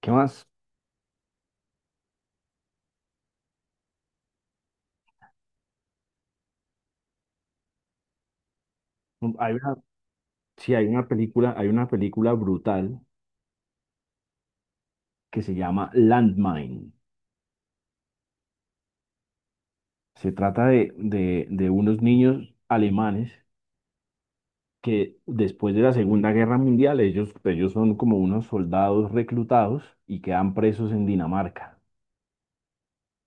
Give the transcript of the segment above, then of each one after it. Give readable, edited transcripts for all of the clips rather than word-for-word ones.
¿Qué más? Hay una, sí, hay una película brutal que se llama Landmine. Se trata de unos niños alemanes que después de la Segunda Guerra Mundial, ellos son como unos soldados reclutados y quedan presos en Dinamarca.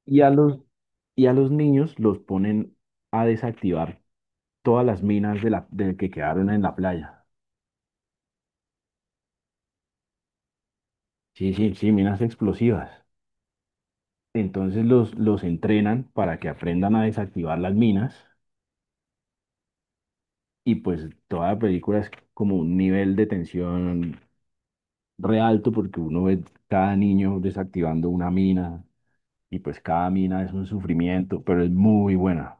Y a los, y a los niños los ponen a desactivar todas las minas de que quedaron en la playa. Sí, sí, sí, minas explosivas. Entonces los entrenan para que aprendan a desactivar las minas. Y pues toda película es como un nivel de tensión re alto porque uno ve cada niño desactivando una mina y pues cada mina es un sufrimiento, pero es muy buena,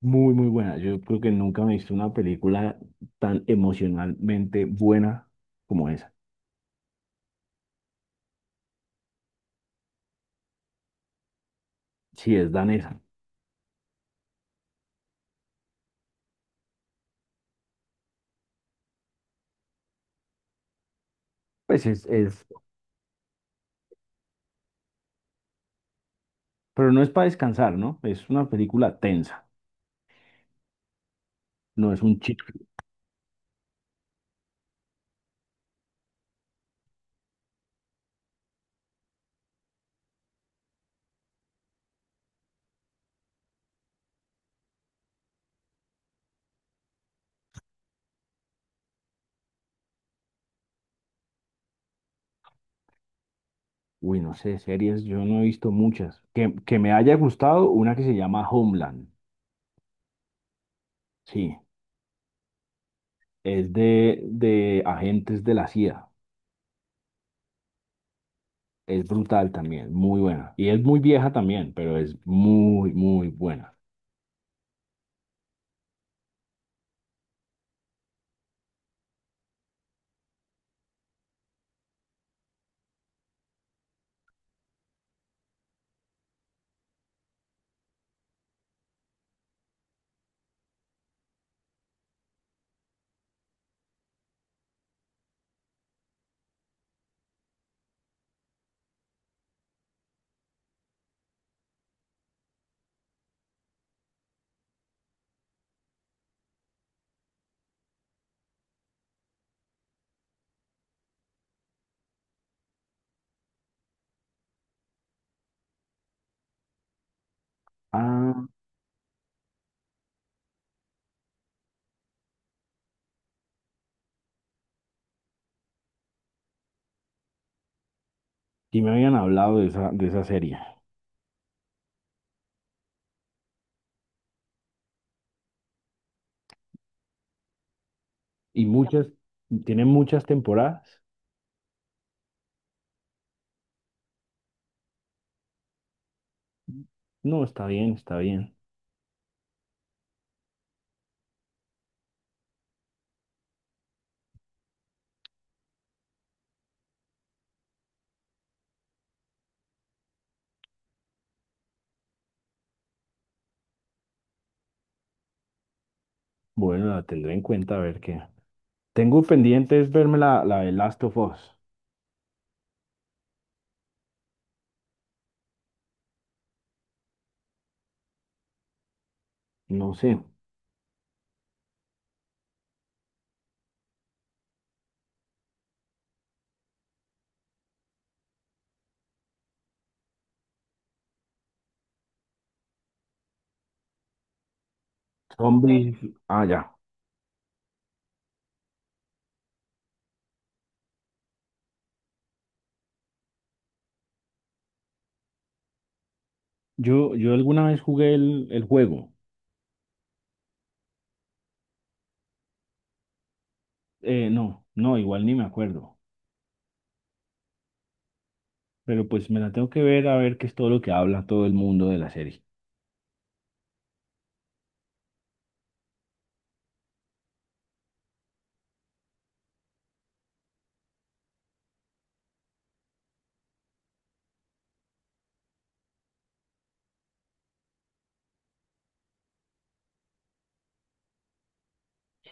muy, muy buena. Yo creo que nunca me he visto una película tan emocionalmente buena como esa. Si es danesa, pues es, pero no es para descansar, ¿no? Es una película tensa, no es un chico. Uy, no sé, series, yo no he visto muchas. Que me haya gustado una que se llama Homeland, sí. Es de agentes de la CIA. Es brutal también, muy buena. Y es muy vieja también, pero es muy, muy buena. Ah, y me habían hablado de esa serie. Y muchas, tiene muchas temporadas. No, está bien, está bien. Bueno, la tendré en cuenta a ver qué. Tengo pendiente es verme la de Last of Us. No sé. Zombies. Ah, ya. Yo alguna vez jugué el juego. No, Igual ni me acuerdo. Pero pues me la tengo que ver a ver qué es todo lo que habla todo el mundo de la serie.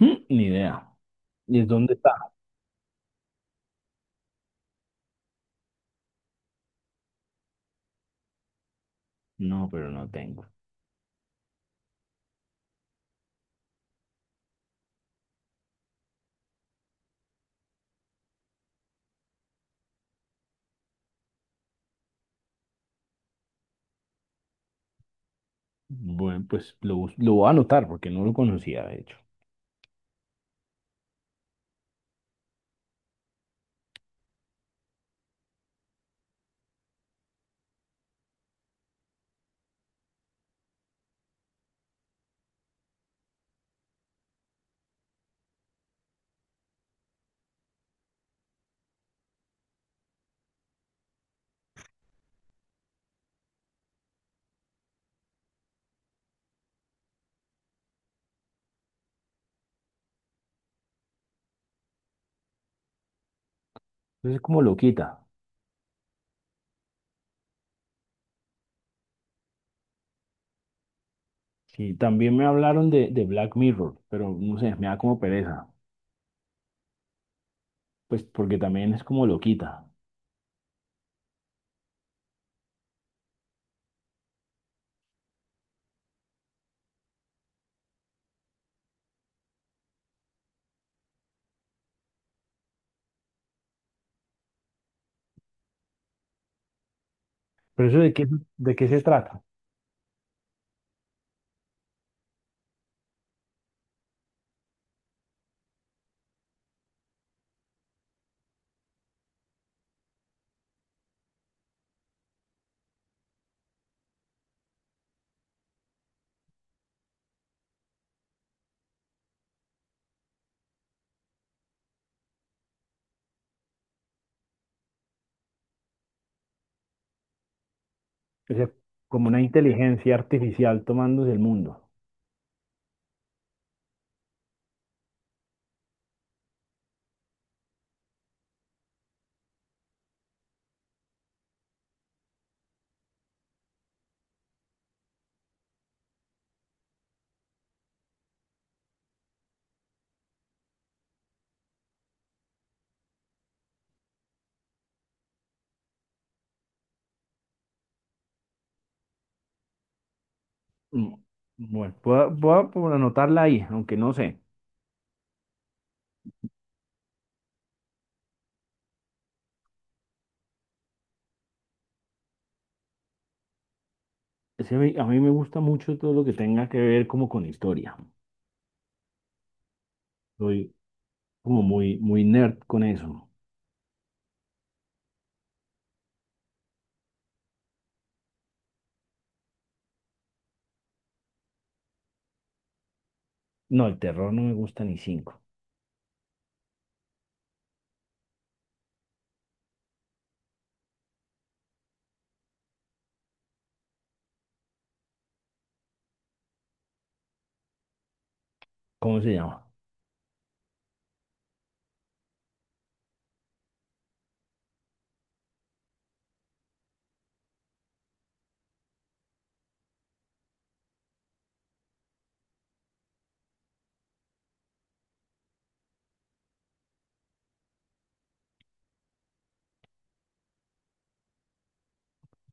Mm, ni idea. ¿Y es dónde está? No, pero no tengo. Bueno, pues lo, bus- lo voy a anotar porque no lo conocía, de hecho. Entonces es como loquita. Sí, también me hablaron de Black Mirror, pero no sé, me da como pereza. Pues porque también es como loquita. ¿Pero eso de qué se trata? O sea, como una inteligencia artificial tomándose el mundo. Mm, Bueno, voy a por anotarla ahí, aunque no sé. Sí, a mí me gusta mucho todo lo que tenga que ver como con historia. Soy como muy, muy nerd con eso. No, el terror no me gusta ni cinco. ¿Cómo se llama?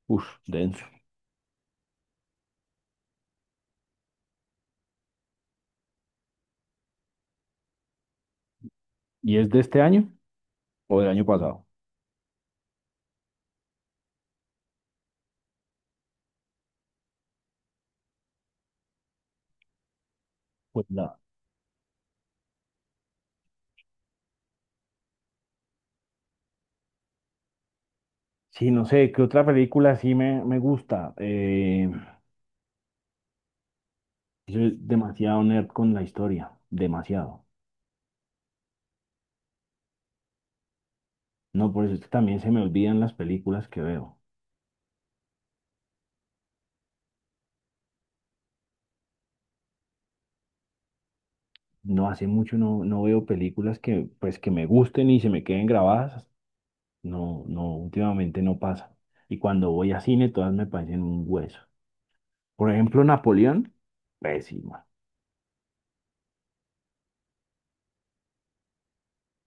Uf, denso. ¿Y es de este año o del año pasado? Pues la... Sí, no sé, ¿qué otra película sí me gusta? Soy demasiado nerd con la historia, demasiado. No, por eso es que también se me olvidan las películas que veo. No hace mucho no, no veo películas que, pues, que me gusten y se me queden grabadas. No, no, últimamente no pasa. Y cuando voy a cine, todas me parecen un hueso. Por ejemplo, Napoleón, pésima.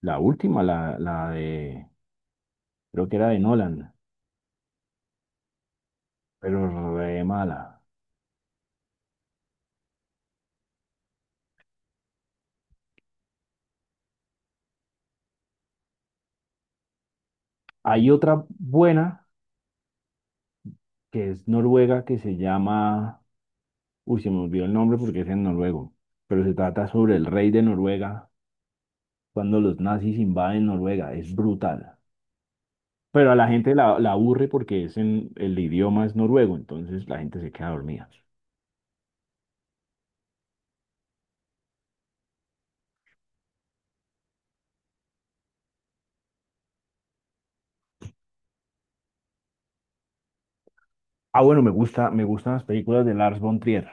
La última, la de, creo que era de Nolan, pero re mala. Hay otra buena, que es noruega, que se llama, uy, se me olvidó el nombre porque es en noruego, pero se trata sobre el rey de Noruega cuando los nazis invaden Noruega. Es brutal. Pero a la gente la aburre porque es en, el idioma es noruego, entonces la gente se queda dormida. Ah, bueno, me gusta, me gustan las películas de Lars von Trier.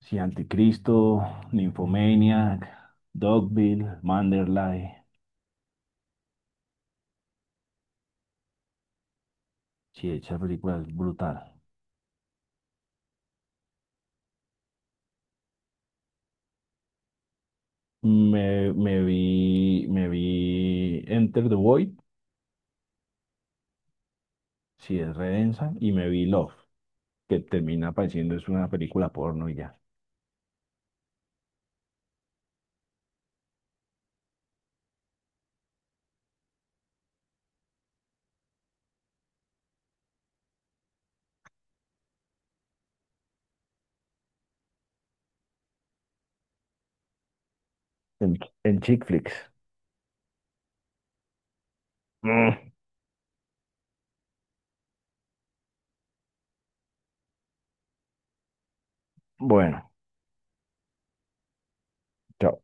Sí, Anticristo, Nymphomaniac, Dogville, Manderley. Sí, esa película es brutal. Me vi Enter the Void, si es redensa, y me vi Love, que termina pareciendo es una película porno y ya. En, en chick flicks. Mm, Bueno, chao.